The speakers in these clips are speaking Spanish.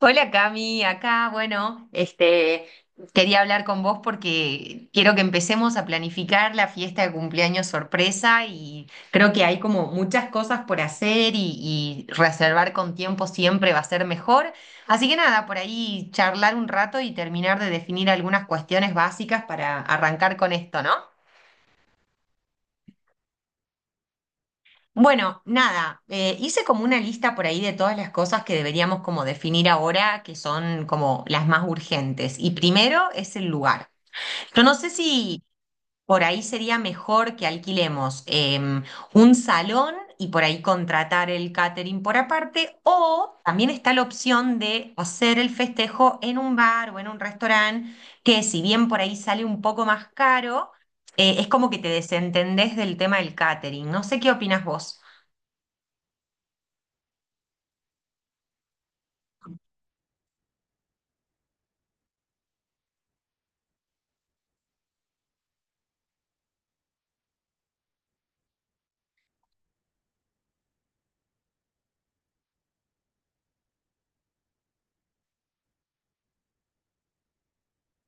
Hola Cami, acá, bueno, quería hablar con vos porque quiero que empecemos a planificar la fiesta de cumpleaños sorpresa y creo que hay como muchas cosas por hacer y reservar con tiempo siempre va a ser mejor. Así que nada, por ahí charlar un rato y terminar de definir algunas cuestiones básicas para arrancar con esto, ¿no? Bueno, nada, hice como una lista por ahí de todas las cosas que deberíamos como definir ahora, que son como las más urgentes. Y primero es el lugar. Yo no sé si por ahí sería mejor que alquilemos un salón y por ahí contratar el catering por aparte, o también está la opción de hacer el festejo en un bar o en un restaurante, que si bien por ahí sale un poco más caro, es como que te desentendés del tema del catering. No sé qué opinas vos.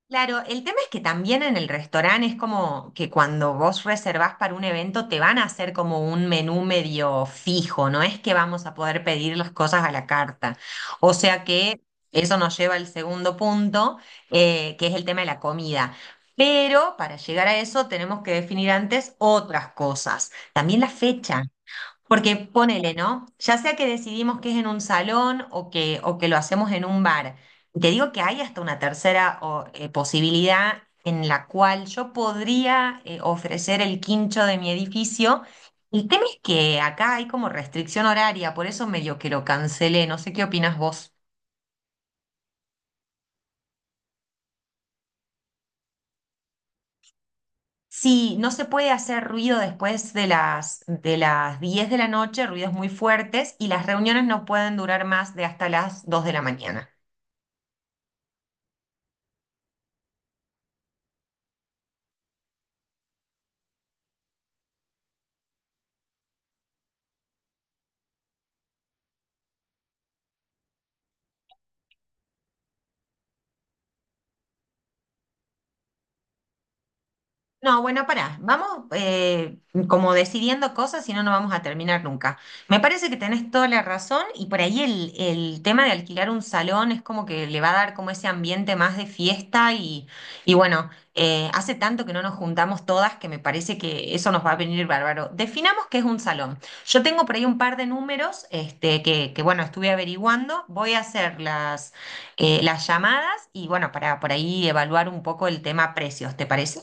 Claro, el tema es que también en el restaurante es como que cuando vos reservás para un evento te van a hacer como un menú medio fijo, no es que vamos a poder pedir las cosas a la carta. O sea que eso nos lleva al segundo punto, que es el tema de la comida. Pero para llegar a eso tenemos que definir antes otras cosas. También la fecha. Porque ponele, ¿no? Ya sea que decidimos que es en un salón o que lo hacemos en un bar. Te digo que hay hasta una tercera o, posibilidad en la cual yo podría ofrecer el quincho de mi edificio. El tema es que acá hay como restricción horaria, por eso medio que lo cancelé. No sé qué opinas vos. Sí, no se puede hacer ruido después de las 10 de la noche, ruidos muy fuertes, y las reuniones no pueden durar más de hasta las 2 de la mañana. No, bueno, pará, vamos como decidiendo cosas, si no, no vamos a terminar nunca. Me parece que tenés toda la razón y por ahí el tema de alquilar un salón es como que le va a dar como ese ambiente más de fiesta y bueno, hace tanto que no nos juntamos todas que me parece que eso nos va a venir bárbaro. Definamos qué es un salón. Yo tengo por ahí un par de números que bueno, estuve averiguando, voy a hacer las llamadas y bueno, para por ahí evaluar un poco el tema precios, ¿te parece?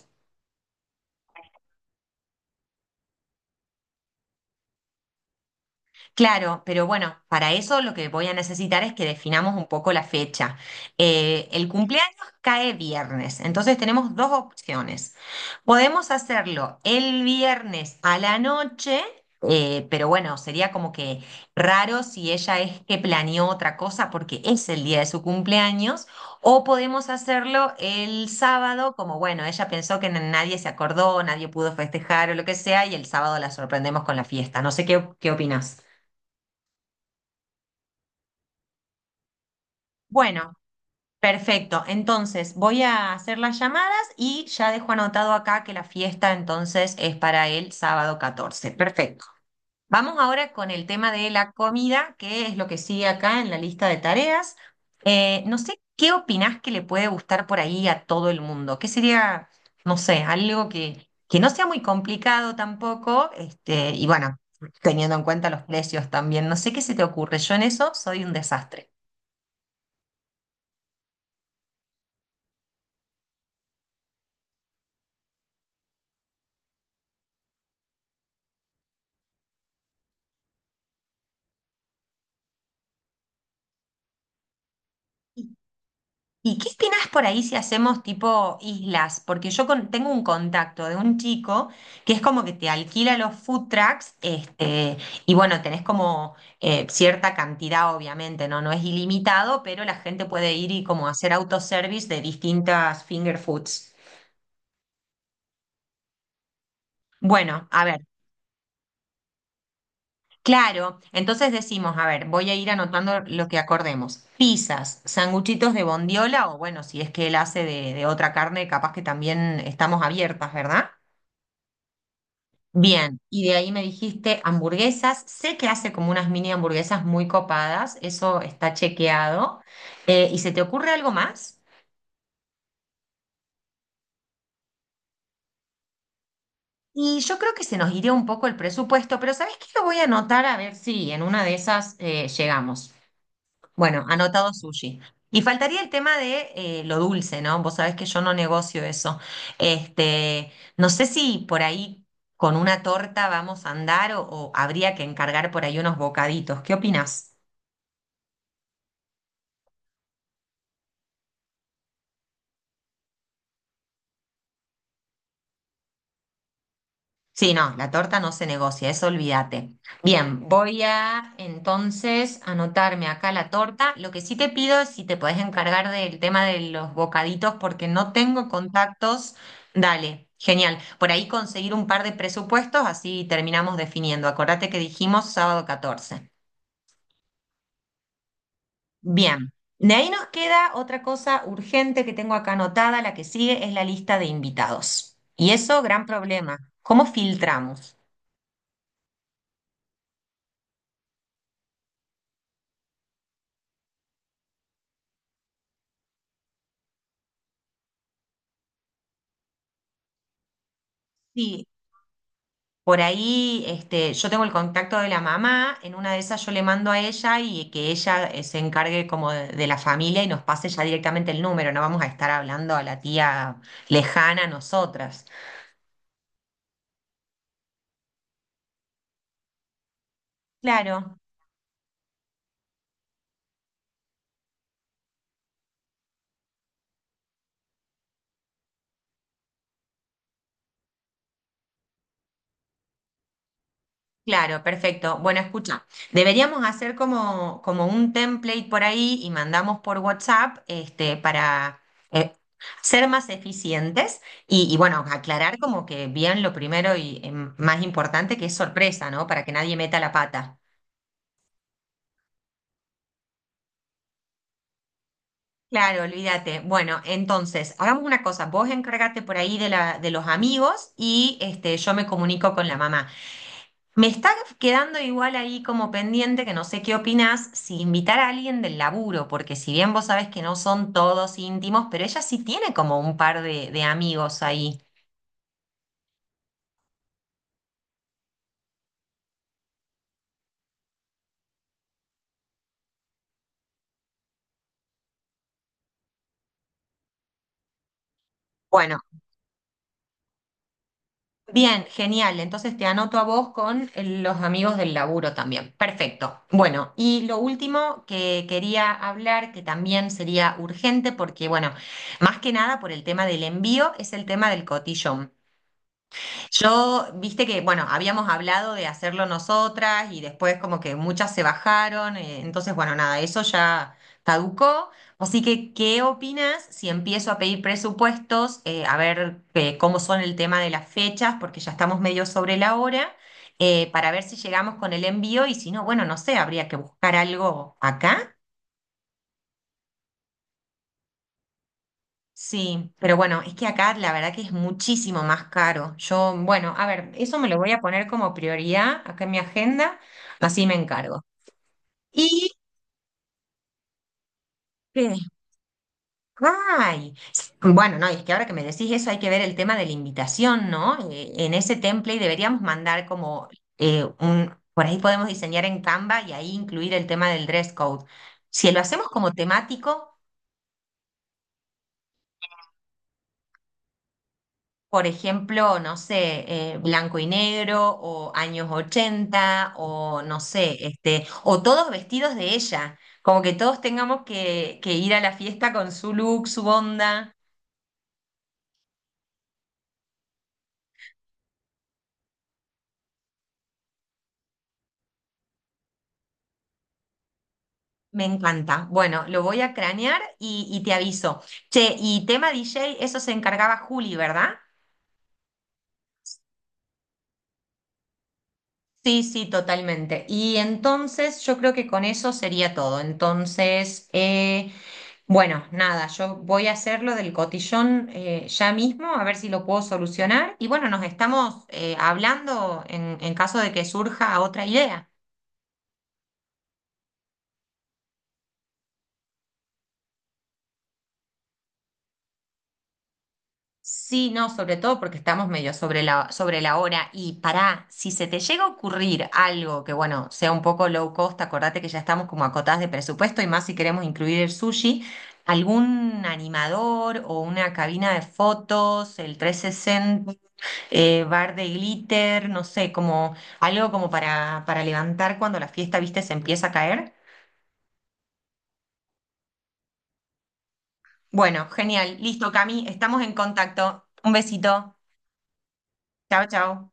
Claro, pero bueno, para eso lo que voy a necesitar es que definamos un poco la fecha. El cumpleaños cae viernes, entonces tenemos dos opciones. Podemos hacerlo el viernes a la noche, pero bueno, sería como que raro si ella es que planeó otra cosa porque es el día de su cumpleaños, o podemos hacerlo el sábado, como bueno, ella pensó que nadie se acordó, nadie pudo festejar o lo que sea, y el sábado la sorprendemos con la fiesta. No sé qué opinas. Bueno, perfecto. Entonces voy a hacer las llamadas y ya dejo anotado acá que la fiesta entonces es para el sábado 14. Perfecto. Vamos ahora con el tema de la comida, que es lo que sigue acá en la lista de tareas. No sé qué opinás que le puede gustar por ahí a todo el mundo. ¿Qué sería, no sé, algo que no sea muy complicado tampoco? Y bueno, teniendo en cuenta los precios también. No sé qué se te ocurre. Yo en eso soy un desastre. ¿Y qué opinas por ahí si hacemos tipo islas? Porque yo tengo un contacto de un chico que es como que te alquila los food trucks, y bueno, tenés como cierta cantidad, obviamente, ¿no? No es ilimitado, pero la gente puede ir y como hacer autoservice de distintas finger foods. Bueno, a ver, claro, entonces decimos, a ver, voy a ir anotando lo que acordemos. Pizzas, sanguchitos de bondiola, o bueno, si es que él hace de otra carne, capaz que también estamos abiertas, ¿verdad? Bien, y de ahí me dijiste hamburguesas. Sé que hace como unas mini hamburguesas muy copadas, eso está chequeado. ¿Y se te ocurre algo más? Y yo creo que se nos iría un poco el presupuesto, pero ¿sabes qué? Lo voy a anotar a ver si en una de esas llegamos. Bueno, anotado sushi. Y faltaría el tema de lo dulce, ¿no? Vos sabés que yo no negocio eso. Este, no sé si por ahí con una torta vamos a andar o habría que encargar por ahí unos bocaditos. ¿Qué opinás? Sí, no, la torta no se negocia, eso olvídate. Bien, voy a entonces anotarme acá la torta. Lo que sí te pido es si te podés encargar del tema de los bocaditos porque no tengo contactos. Dale, genial. Por ahí conseguir un par de presupuestos, así terminamos definiendo. Acordate que dijimos sábado 14. Bien, de ahí nos queda otra cosa urgente que tengo acá anotada, la que sigue es la lista de invitados. Y eso, gran problema. ¿Cómo filtramos? Sí. Por ahí, yo tengo el contacto de la mamá, en una de esas yo le mando a ella y que ella se encargue como de la familia y nos pase ya directamente el número, no vamos a estar hablando a la tía lejana a nosotras. Claro, claro, perfecto. Bueno, escucha, deberíamos hacer como un template por ahí y mandamos por WhatsApp, para eh, ser más eficientes y bueno, aclarar como que bien lo primero y más importante que es sorpresa, ¿no? Para que nadie meta la pata. Claro, olvídate. Bueno, entonces, hagamos una cosa. Vos encárgate por ahí de los amigos y yo me comunico con la mamá. Me está quedando igual ahí como pendiente, que no sé qué opinás, si invitar a alguien del laburo, porque si bien vos sabés que no son todos íntimos, pero ella sí tiene como un par de amigos ahí. Bueno. Bien, genial. Entonces te anoto a vos con los amigos del laburo también. Perfecto. Bueno, y lo último que quería hablar, que también sería urgente, porque bueno, más que nada por el tema del envío, es el tema del cotillón. Yo, viste que, bueno, habíamos hablado de hacerlo nosotras y después como que muchas se bajaron, entonces, bueno, nada, eso ya caducó. Así que, ¿qué opinas si empiezo a pedir presupuestos, a ver cómo son el tema de las fechas, porque ya estamos medio sobre la hora, para ver si llegamos con el envío y si no, bueno, no sé, habría que buscar algo acá. Sí, pero bueno, es que acá la verdad que es muchísimo más caro. Yo, bueno, a ver, eso me lo voy a poner como prioridad acá en mi agenda, así me encargo. Y que, ay, sí, bueno, no, y es que ahora que me decís eso hay que ver el tema de la invitación, ¿no? En ese template deberíamos mandar como por ahí podemos diseñar en Canva y ahí incluir el tema del dress code. Si lo hacemos como temático. Por ejemplo, no sé, blanco y negro o años 80 o no sé, o todos vestidos de ella, como que todos tengamos que ir a la fiesta con su look, su onda. Me encanta. Bueno, lo voy a cranear y te aviso. Che, y tema DJ, eso se encargaba Juli, ¿verdad? Sí, sí, totalmente. Y entonces yo creo que con eso sería todo. Entonces. Bueno, nada, yo voy a hacerlo del cotillón ya mismo, a ver si lo puedo solucionar. Y bueno, nos estamos hablando en caso de que surja otra idea. Sí, no, sobre todo porque estamos medio sobre la hora. Y pará, si se te llega a ocurrir algo que, bueno, sea un poco low cost, acordate que ya estamos como acotadas de presupuesto y más si queremos incluir el sushi, algún animador o una cabina de fotos, el 360 bar de glitter, no sé, como algo como para levantar cuando la fiesta, viste, se empieza a caer. Bueno, genial. Listo, Cami, estamos en contacto. Un besito. Chao, chao.